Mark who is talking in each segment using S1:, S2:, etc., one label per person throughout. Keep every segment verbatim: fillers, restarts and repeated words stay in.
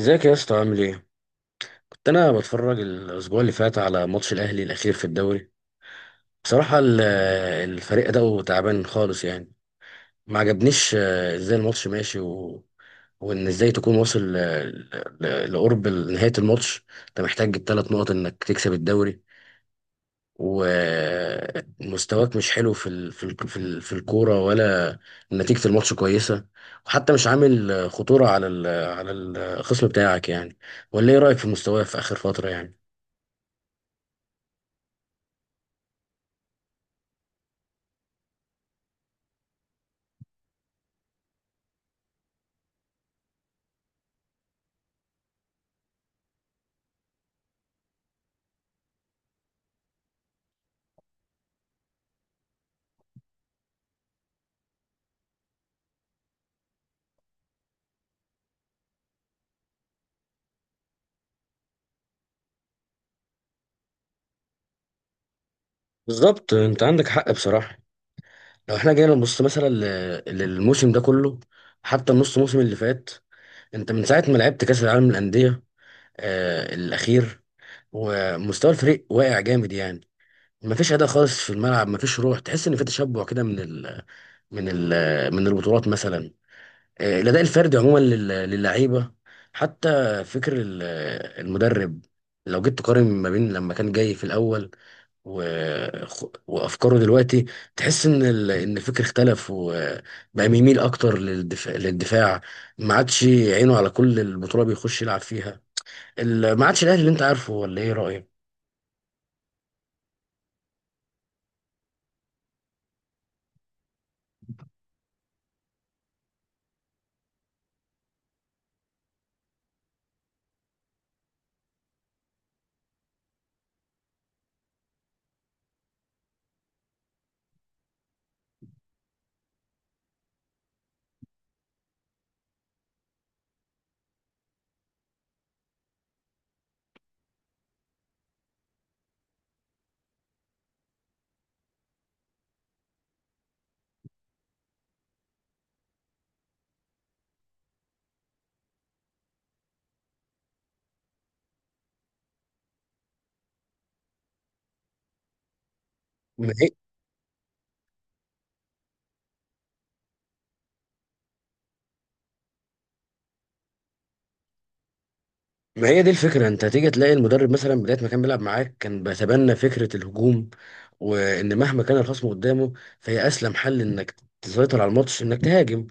S1: ازيك يا اسطى؟ عامل ايه؟ كنت انا بتفرج الاسبوع اللي فات على ماتش الاهلي الاخير في الدوري. بصراحة ال- الفريق ده تعبان خالص يعني. ما عجبنيش، آه، ازاي الماتش ماشي، و... وان ازاي تكون واصل، آه، ل... ل... لقرب نهاية الماتش. انت محتاج الثلاث نقط انك تكسب الدوري، ومستواك مش حلو في ال... في ال... في, ال... في الكورة، ولا نتيجة الماتش كويسة. وحتى مش عامل آه، خطورة على ال... على الخصم بتاعك يعني. ولا ايه رأيك في مستواه في آخر فترة يعني؟ بالظبط، انت عندك حق بصراحه. لو احنا جينا نبص مثلا ل- للموسم ده كله، حتى النص موسم اللي فات. انت من ساعه ما لعبت كاس العالم للانديه آه الاخير، ومستوى الفريق واقع جامد يعني. مفيش اداء خالص في الملعب، مفيش روح. تحس ان في تشبع كده من ال من ال من البطولات مثلا. آه الاداء الفردي عموما لل- للعيبه حتى. فكر ال- المدرب، لو جيت تقارن ما بين لما كان جاي في الاول و... وافكاره دلوقتي، تحس ان ال... ان الفكر اختلف، وبقى بيميل اكتر للدفاع للدفاع ما عادش عينه على كل البطوله بيخش يلعب فيها. ال... ما عادش الاهلي اللي انت عارفه، ولا ايه رايك؟ ما هي دي الفكرة. انت تيجي تلاقي المدرب مثلا بداية ما كان بيلعب معاك كان بيتبنى فكرة الهجوم، وان مهما كان الخصم قدامه، فهي اسلم حل انك تسيطر على الماتش انك تهاجم.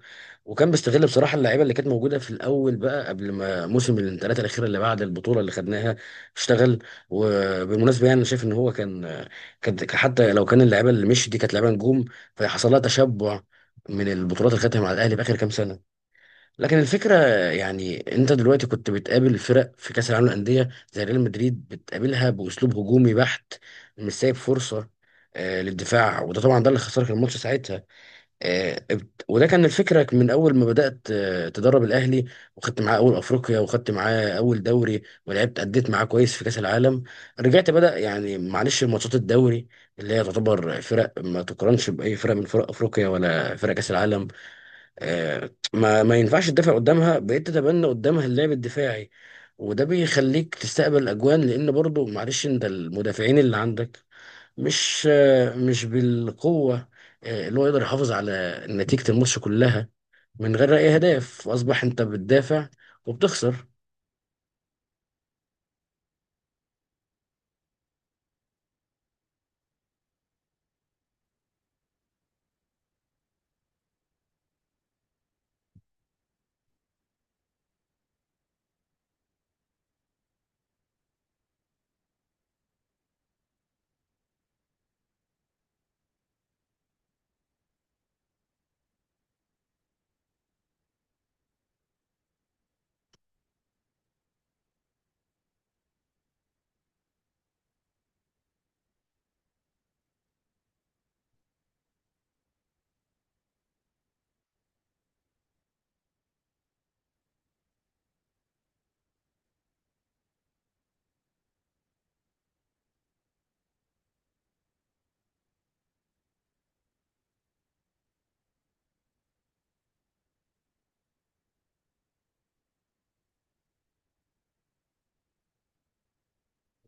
S1: وكان بيستغل بصراحة اللعيبة اللي كانت موجودة في الأول، بقى قبل ما موسم الانتقالات الأخيرة اللي بعد البطولة اللي خدناها اشتغل. وبالمناسبة يعني أنا شايف إن هو كان، كان حتى لو كان اللعيبة اللي مشيت دي كانت لعيبة نجوم، فحصل لها تشبع من البطولات اللي خدتها مع الأهلي في آخر كام سنة. لكن الفكرة، يعني انت دلوقتي كنت بتقابل فرق في كأس العالم للأندية زي ريال مدريد بتقابلها بأسلوب هجومي بحت، مش سايب فرصة آه، للدفاع. وده طبعا ده اللي خسرك الماتش ساعتها. آه، ابت- وده كان الفكرة من أول ما بدأت آه، تدرب الأهلي، وخدت معاه أول أفريقيا، وخدت معاه أول دوري، ولعبت أديت معاه كويس في كأس العالم. رجعت بدأ يعني معلش ماتشات الدوري، اللي هي تعتبر فرق ما تقارنش بأي فرق من فرق أفريقيا ولا فرق كأس العالم. آه، ما ما ينفعش تدافع قدامها، بقيت تتبنى قدامها اللعب الدفاعي، وده بيخليك تستقبل اجوان. لان برضو معلش انت المدافعين اللي عندك مش، آه، مش بالقوه، آه، اللي هو يقدر يحافظ على نتيجه الماتش كلها من غير اي هدف، واصبح انت بتدافع وبتخسر.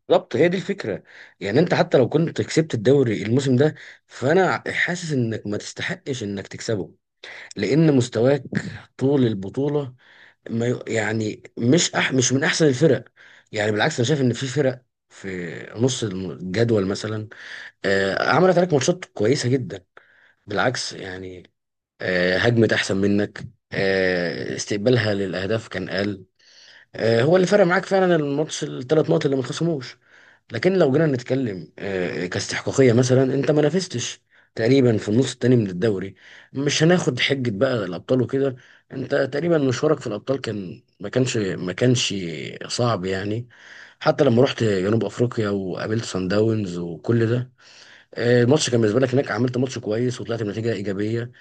S1: بالظبط، هي دي الفكره. يعني انت حتى لو كنت كسبت الدوري الموسم ده، فانا حاسس انك ما تستحقش انك تكسبه. لان مستواك طول البطوله ما ي- يعني مش أح مش من احسن الفرق. يعني بالعكس، انا شايف ان في فرق في نص الجدول مثلا آه عملت عليك ماتشات كويسه جدا. بالعكس يعني، آه هجمت احسن منك، آه استقبالها للاهداف كان اقل. آه، هو اللي فرق معاك فعلا الماتش الثلاث نقط اللي ما اتخصموش. لكن لو جينا نتكلم آه، كاستحقاقيه مثلا انت ما نافستش تقريبا في النص التاني من الدوري. مش هناخد حجه بقى الابطال وكده. انت تقريبا مشوارك في الابطال كان، ما كانش ما كانش صعب يعني. حتى لما رحت جنوب افريقيا وقابلت سان داونز وكل ده، آه، الماتش كان بالنسبه لك هناك عملت ماتش كويس وطلعت بنتيجه ايجابيه.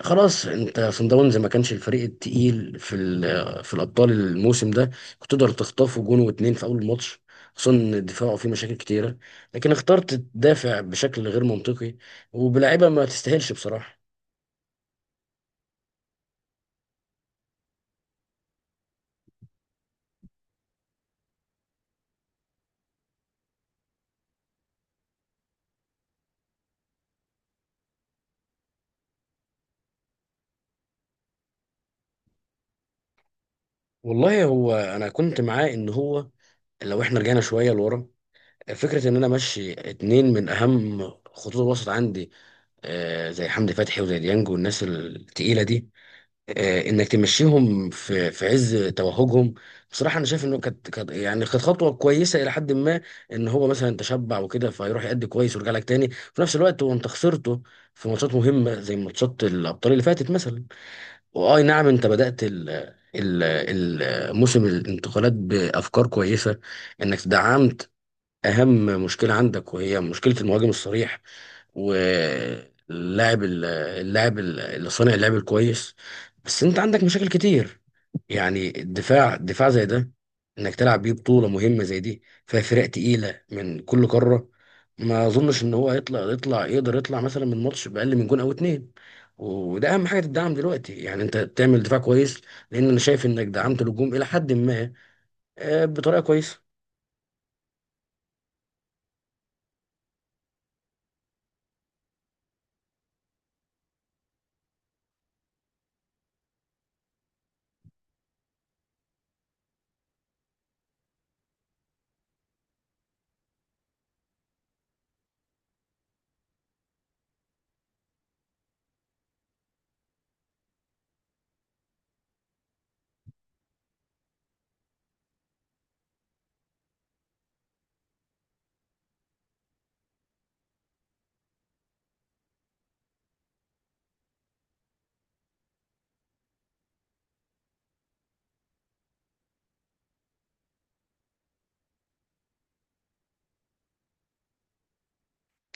S1: خلاص، انت صن داونز ما كانش الفريق التقيل في ال- في الابطال الموسم ده. كنت تقدر تخطفه جون واتنين في اول الماتش، خصوصا ان دفاعه فيه مشاكل كتيره. لكن اخترت تدافع بشكل غير منطقي، وبلاعيبه ما تستاهلش بصراحه. والله هو انا كنت معاه ان هو لو احنا رجعنا شويه لورا، فكره ان انا امشي اتنين من اهم خطوط الوسط عندي، آه، زي حمدي فتحي وزي ديانج والناس التقيله دي، آه، انك تمشيهم في في عز توهجهم. بصراحه انا شايف انه كانت كانت- يعني كانت خطوه كويسه الى حد ما. ان هو مثلا تشبع وكده فيروح يأدي كويس ويرجع لك تاني، في نفس الوقت وانت خسرته في ماتشات مهمه زي ماتشات الابطال اللي فاتت مثلا. واي نعم، انت بدأت ال ال- ال- موسم الانتقالات بافكار كويسه، انك دعمت اهم مشكله عندك وهي مشكله المهاجم الصريح، واللاعب ال- اللاعب ال- اللي صانع اللعب الكويس. بس انت عندك مشاكل كتير. يعني الدفاع، دفاع زي ده، انك تلعب بيه بطوله مهمه زي دي فيها فرق تقيله من كل قاره، ما اظنش ان هو يطلع يطلع يقدر يطلع مثلا من ماتش باقل من جون او اتنين. وده اهم حاجه تدعم دلوقتي، يعني انت تعمل دفاع كويس، لان انا شايف انك دعمت الهجوم الى حد ما آه، بطريقه كويسه.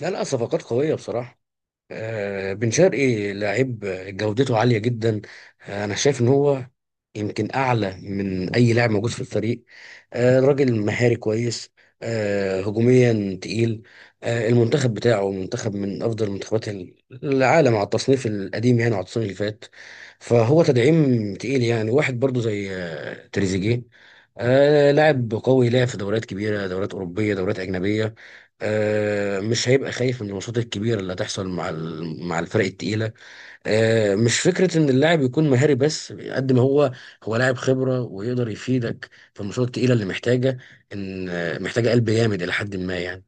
S1: لا، لا، صفقات قويه بصراحه. آه، بن شرقي لعيب، جودته عالية جدا. آه، أنا شايف إن هو يمكن أعلى من أي لاعب موجود في الفريق. آه، راجل مهاري كويس، آه، هجوميا تقيل. آه، المنتخب بتاعه منتخب من أفضل منتخبات العالم على التصنيف القديم، يعني على التصنيف اللي فات. فهو تدعيم تقيل. يعني واحد برضو زي آه، تريزيجيه، آه، لاعب قوي لعب في دوريات كبيرة، دوريات أوروبية، دوريات أجنبية. آه، مش هيبقى خايف من الماتشات الكبيره اللي هتحصل مع ال- مع الفرق التقيله. آه، مش فكره ان اللاعب يكون مهاري بس، قد ما هو، هو لاعب خبره ويقدر يفيدك في الماتشات التقيله اللي محتاجه ان، آه، محتاجه قلب جامد الى حد ما يعني.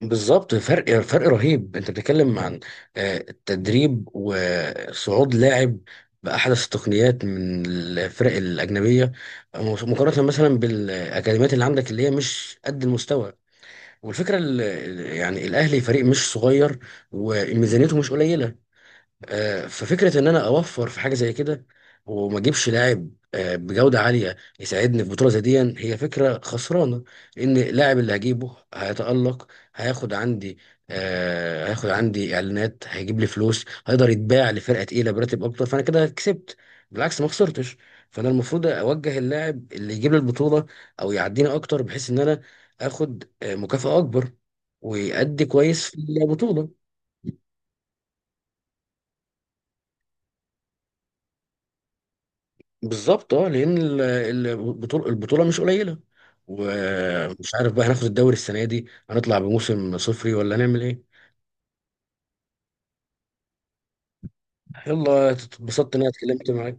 S1: بالظبط، فرق فرق رهيب. انت بتتكلم عن آه، التدريب وصعود لاعب بأحدث التقنيات من الفرق الأجنبية، مقارنة مثلا بالأكاديميات اللي عندك اللي هي مش قد المستوى. والفكره، ال- ال- يعني الاهلي فريق مش صغير، وميزانيته مش قليله. آه، ففكره ان انا اوفر في حاجه زي كده وما اجيبش لاعب آه، بجوده عاليه يساعدني في بطوله زي دي، هي فكره خسرانه. ان اللاعب اللي هجيبه هيتالق، هياخد عندي، آه، هياخد عندي اعلانات، هيجيب لي فلوس، هيقدر يتباع لفرقه تقيله براتب اكتر، فانا كده كسبت، بالعكس ما خسرتش. فانا المفروض اوجه اللاعب اللي يجيب لي البطوله او يعديني اكتر، بحيث ان انا اخد آه، مكافاه اكبر، ويأدي كويس في البطوله. بالظبط، اه، لان ال- ال- البطوله البطوله مش قليله. ومش عارف بقى، هناخد الدوري السنه دي، هنطلع بموسم صفري، ولا هنعمل ايه؟ يلا، اتبسطت ان انا اتكلمت معاك.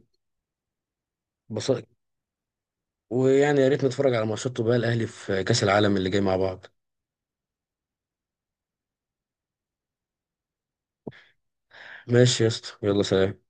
S1: بسط... ويعني يا ريت نتفرج على ماتشات بقى الاهلي في كاس العالم اللي جاي مع بعض. ماشي يا اسطى، يلا، سلام.